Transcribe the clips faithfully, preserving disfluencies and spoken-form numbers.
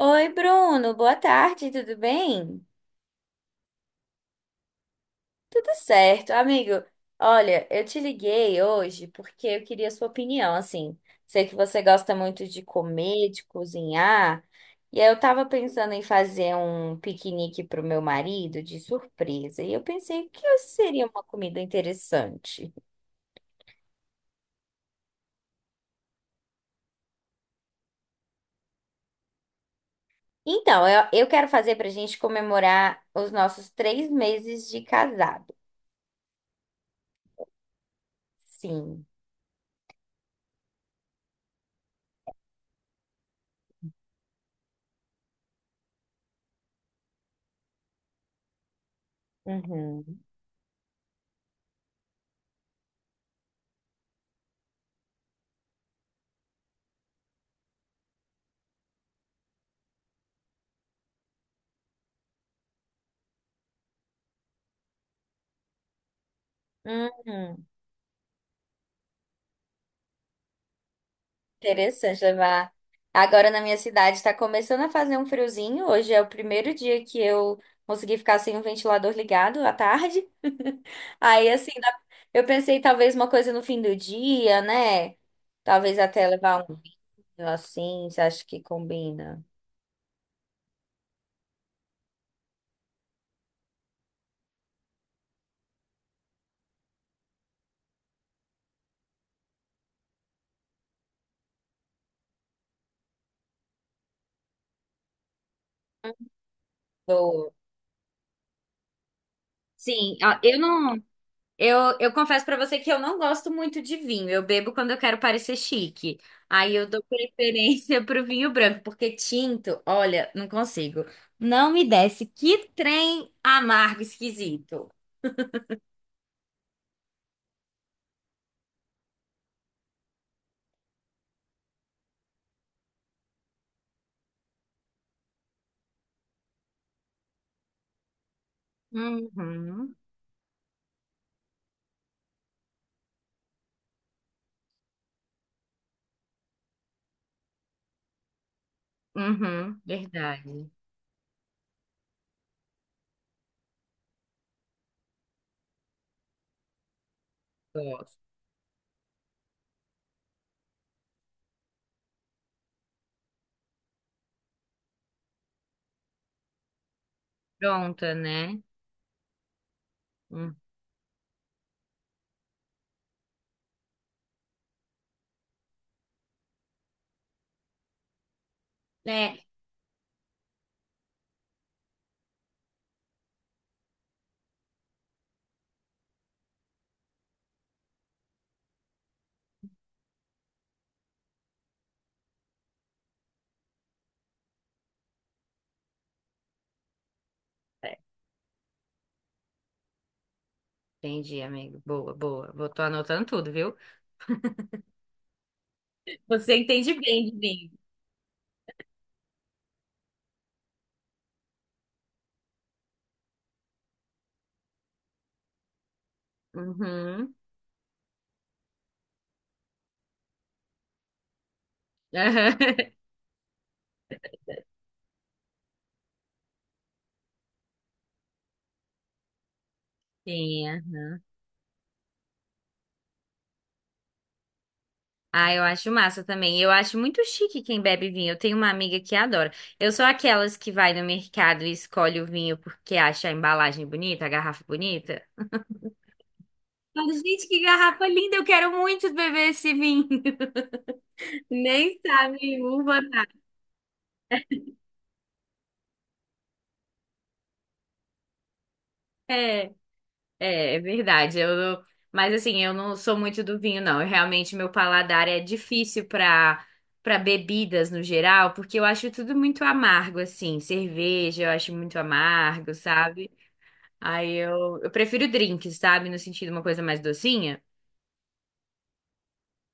Oi, Bruno, boa tarde, tudo bem? Tudo certo, amigo. Olha, eu te liguei hoje porque eu queria a sua opinião, assim. Sei que você gosta muito de comer, de cozinhar, e aí eu tava pensando em fazer um piquenique pro meu marido de surpresa, e eu pensei que seria uma comida interessante. Então, eu, eu quero fazer pra gente comemorar os nossos três meses de casado. Sim. Uhum. Uhum. Interessante levar. Agora na minha cidade está começando a fazer um friozinho. Hoje é o primeiro dia que eu consegui ficar sem o ventilador ligado à tarde. Aí assim, dá- eu pensei talvez uma coisa no fim do dia, né? Talvez até levar um vinho assim, você acha que combina? Boa. Sim, a- eu não. Eu, eu confesso pra você que eu não gosto muito de vinho. Eu bebo quando eu quero parecer chique. Aí eu dou preferência pro vinho branco, porque tinto, olha, não consigo. Não me desce. Que trem amargo, esquisito. Uhum, uhum, verdade. Gosto. Pronta, né? Hum. É, é, entendi, amigo. Boa, boa. Vou, tô anotando tudo, viu? Você entende bem de vinho. Uhum. Sim. É. Ah, eu acho massa também. Eu acho muito chique quem bebe vinho. Eu tenho uma amiga que adora. Eu sou aquelas que vai no mercado e escolhe o vinho porque acha a embalagem bonita, a garrafa bonita. Falo, gente, que garrafa linda! Eu quero muito beber esse vinho. Nem sabe uva. É, é, é verdade. Eu não- mas assim, eu não sou muito do vinho, não. Eu, realmente, meu paladar é difícil para para bebidas no geral, porque eu acho tudo muito amargo, assim. Cerveja, eu acho muito amargo, sabe? Aí eu, eu prefiro drinks, sabe? No sentido uma coisa mais docinha.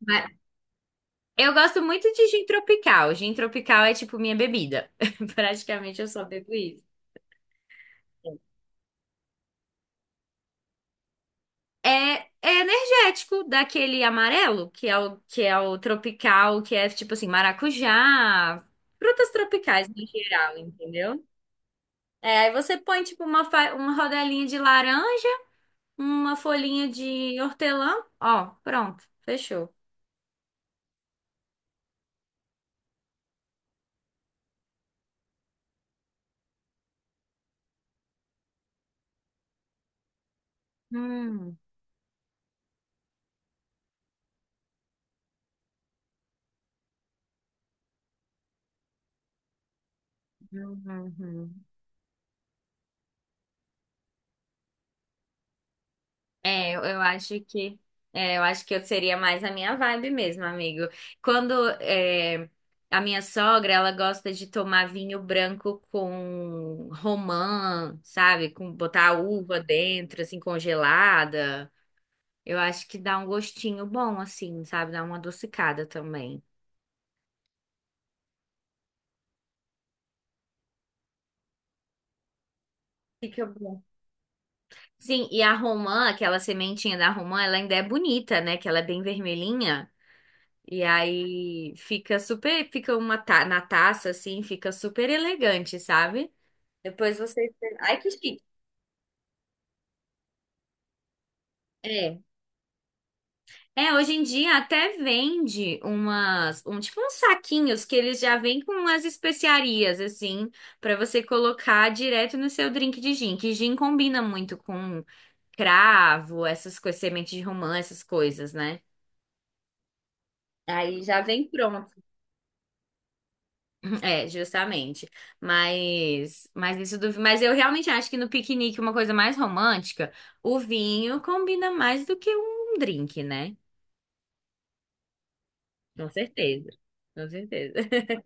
Mas eu gosto muito de gin tropical. Gin tropical é tipo minha bebida. Praticamente eu só bebo isso. É, é energético, daquele amarelo, que é o, que é o tropical, que é tipo assim, maracujá, frutas tropicais no geral, entendeu? É, aí você põe tipo uma, fa- uma rodelinha de laranja, uma folhinha de hortelã, ó, pronto, fechou. Hum, uhum, uhum. É, eu eu acho que é, eu acho que eu seria mais a minha vibe mesmo, amigo. Quando é, a minha sogra, ela gosta de tomar vinho branco com romã, sabe? Com botar a uva dentro, assim, congelada. Eu acho que dá um gostinho bom, assim, sabe? Dá uma adocicada também. Fica bom. Sim, e a romã, aquela sementinha da romã, ela ainda é bonita, né? Que ela é bem vermelhinha. E aí fica super, fica uma ta na taça assim, fica super elegante, sabe? Depois você, ai que chique. É. É, hoje em dia até vende umas, um tipo uns saquinhos que eles já vêm com umas especiarias assim, pra você colocar direto no seu drink de gin, que gin combina muito com cravo, essas coisas, semente de romã, essas coisas, né? Aí já vem pronto. Uhum. É, justamente. Mas, mas isso do, mas eu realmente acho que no piquenique uma coisa mais romântica, o vinho combina mais do que um drink, né? Com certeza. Com certeza.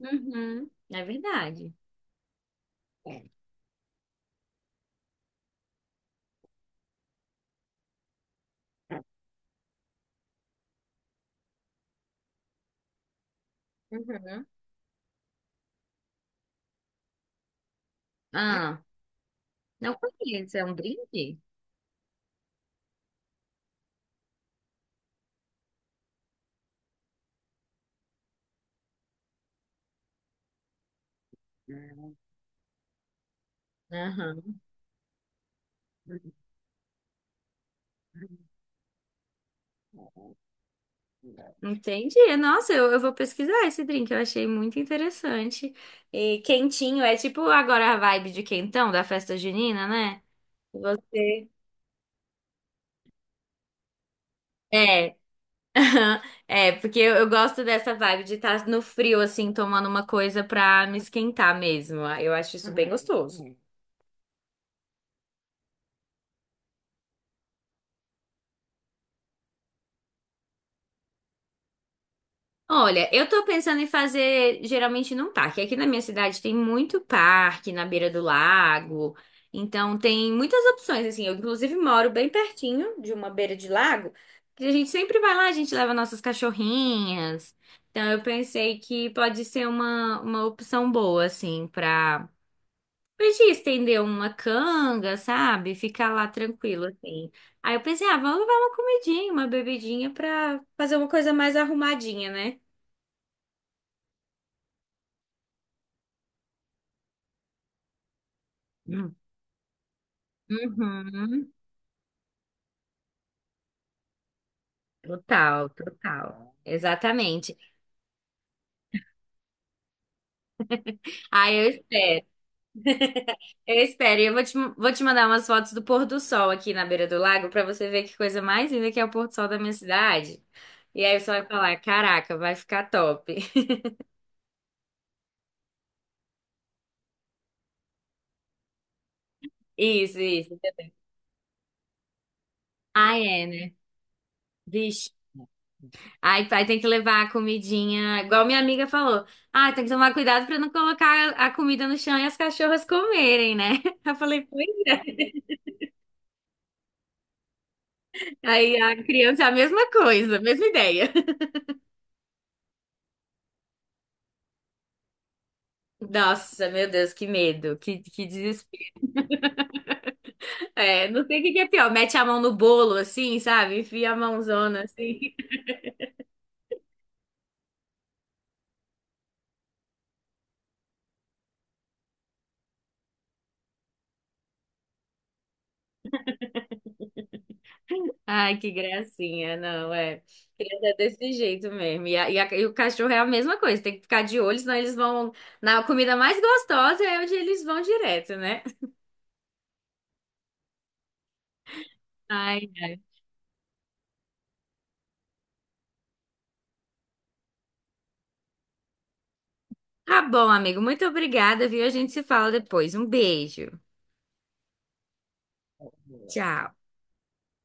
Uhum, é verdade. É. Uhum. Ah, não conheço, é um drink? Aham. Entendi. Nossa, eu, eu vou pesquisar esse drink, eu achei muito interessante. E quentinho, é tipo agora a vibe de quentão da festa junina, né? Você- É, aham. É, porque eu, eu gosto dessa vibe de estar no frio, assim, tomando uma coisa pra me esquentar mesmo. Ah, eu acho isso bem gostoso. Olha, eu tô pensando em fazer geralmente num parque. Aqui na minha cidade tem muito parque na beira do lago. Então tem muitas opções, assim. Eu, inclusive, moro bem pertinho de uma beira de lago. Que a gente sempre vai lá, a gente leva nossas cachorrinhas. Então eu pensei que pode ser uma, uma opção boa, assim, pra. Podia estender uma canga, sabe? Ficar lá tranquilo, assim. Aí eu pensei, ah, vamos levar uma comidinha, uma bebidinha pra fazer uma coisa mais arrumadinha, né? Hum. Uhum. Total, total. Exatamente. Aí eu espero, eu espero. E eu vou te, vou te mandar umas fotos do pôr do sol aqui na beira do lago pra você ver que coisa mais linda que é o pôr do sol da minha cidade. E aí você vai falar, caraca, vai ficar top. Isso, isso. Ah, é, né? Vixe. Ai, pai, tem que levar a comidinha. Igual minha amiga falou. Ah, tem que tomar cuidado pra não colocar a comida no chão e as cachorras comerem, né? Eu falei, pois é. Aí a criança é a mesma coisa, a mesma ideia. Nossa, meu Deus, que medo, que, que desespero. É, não sei o que que é pior. Mete a mão no bolo, assim, sabe? Enfia a mãozona, assim. Ai, que gracinha, não, é. Criança é desse jeito mesmo. E, a- e, a- e o cachorro é a mesma coisa, tem que ficar de olho, senão eles vão na comida mais gostosa, é onde eles vão direto, né? Ai, ai. Tá bom, amigo, muito obrigada, viu? A gente se fala depois. Um beijo. Tchau.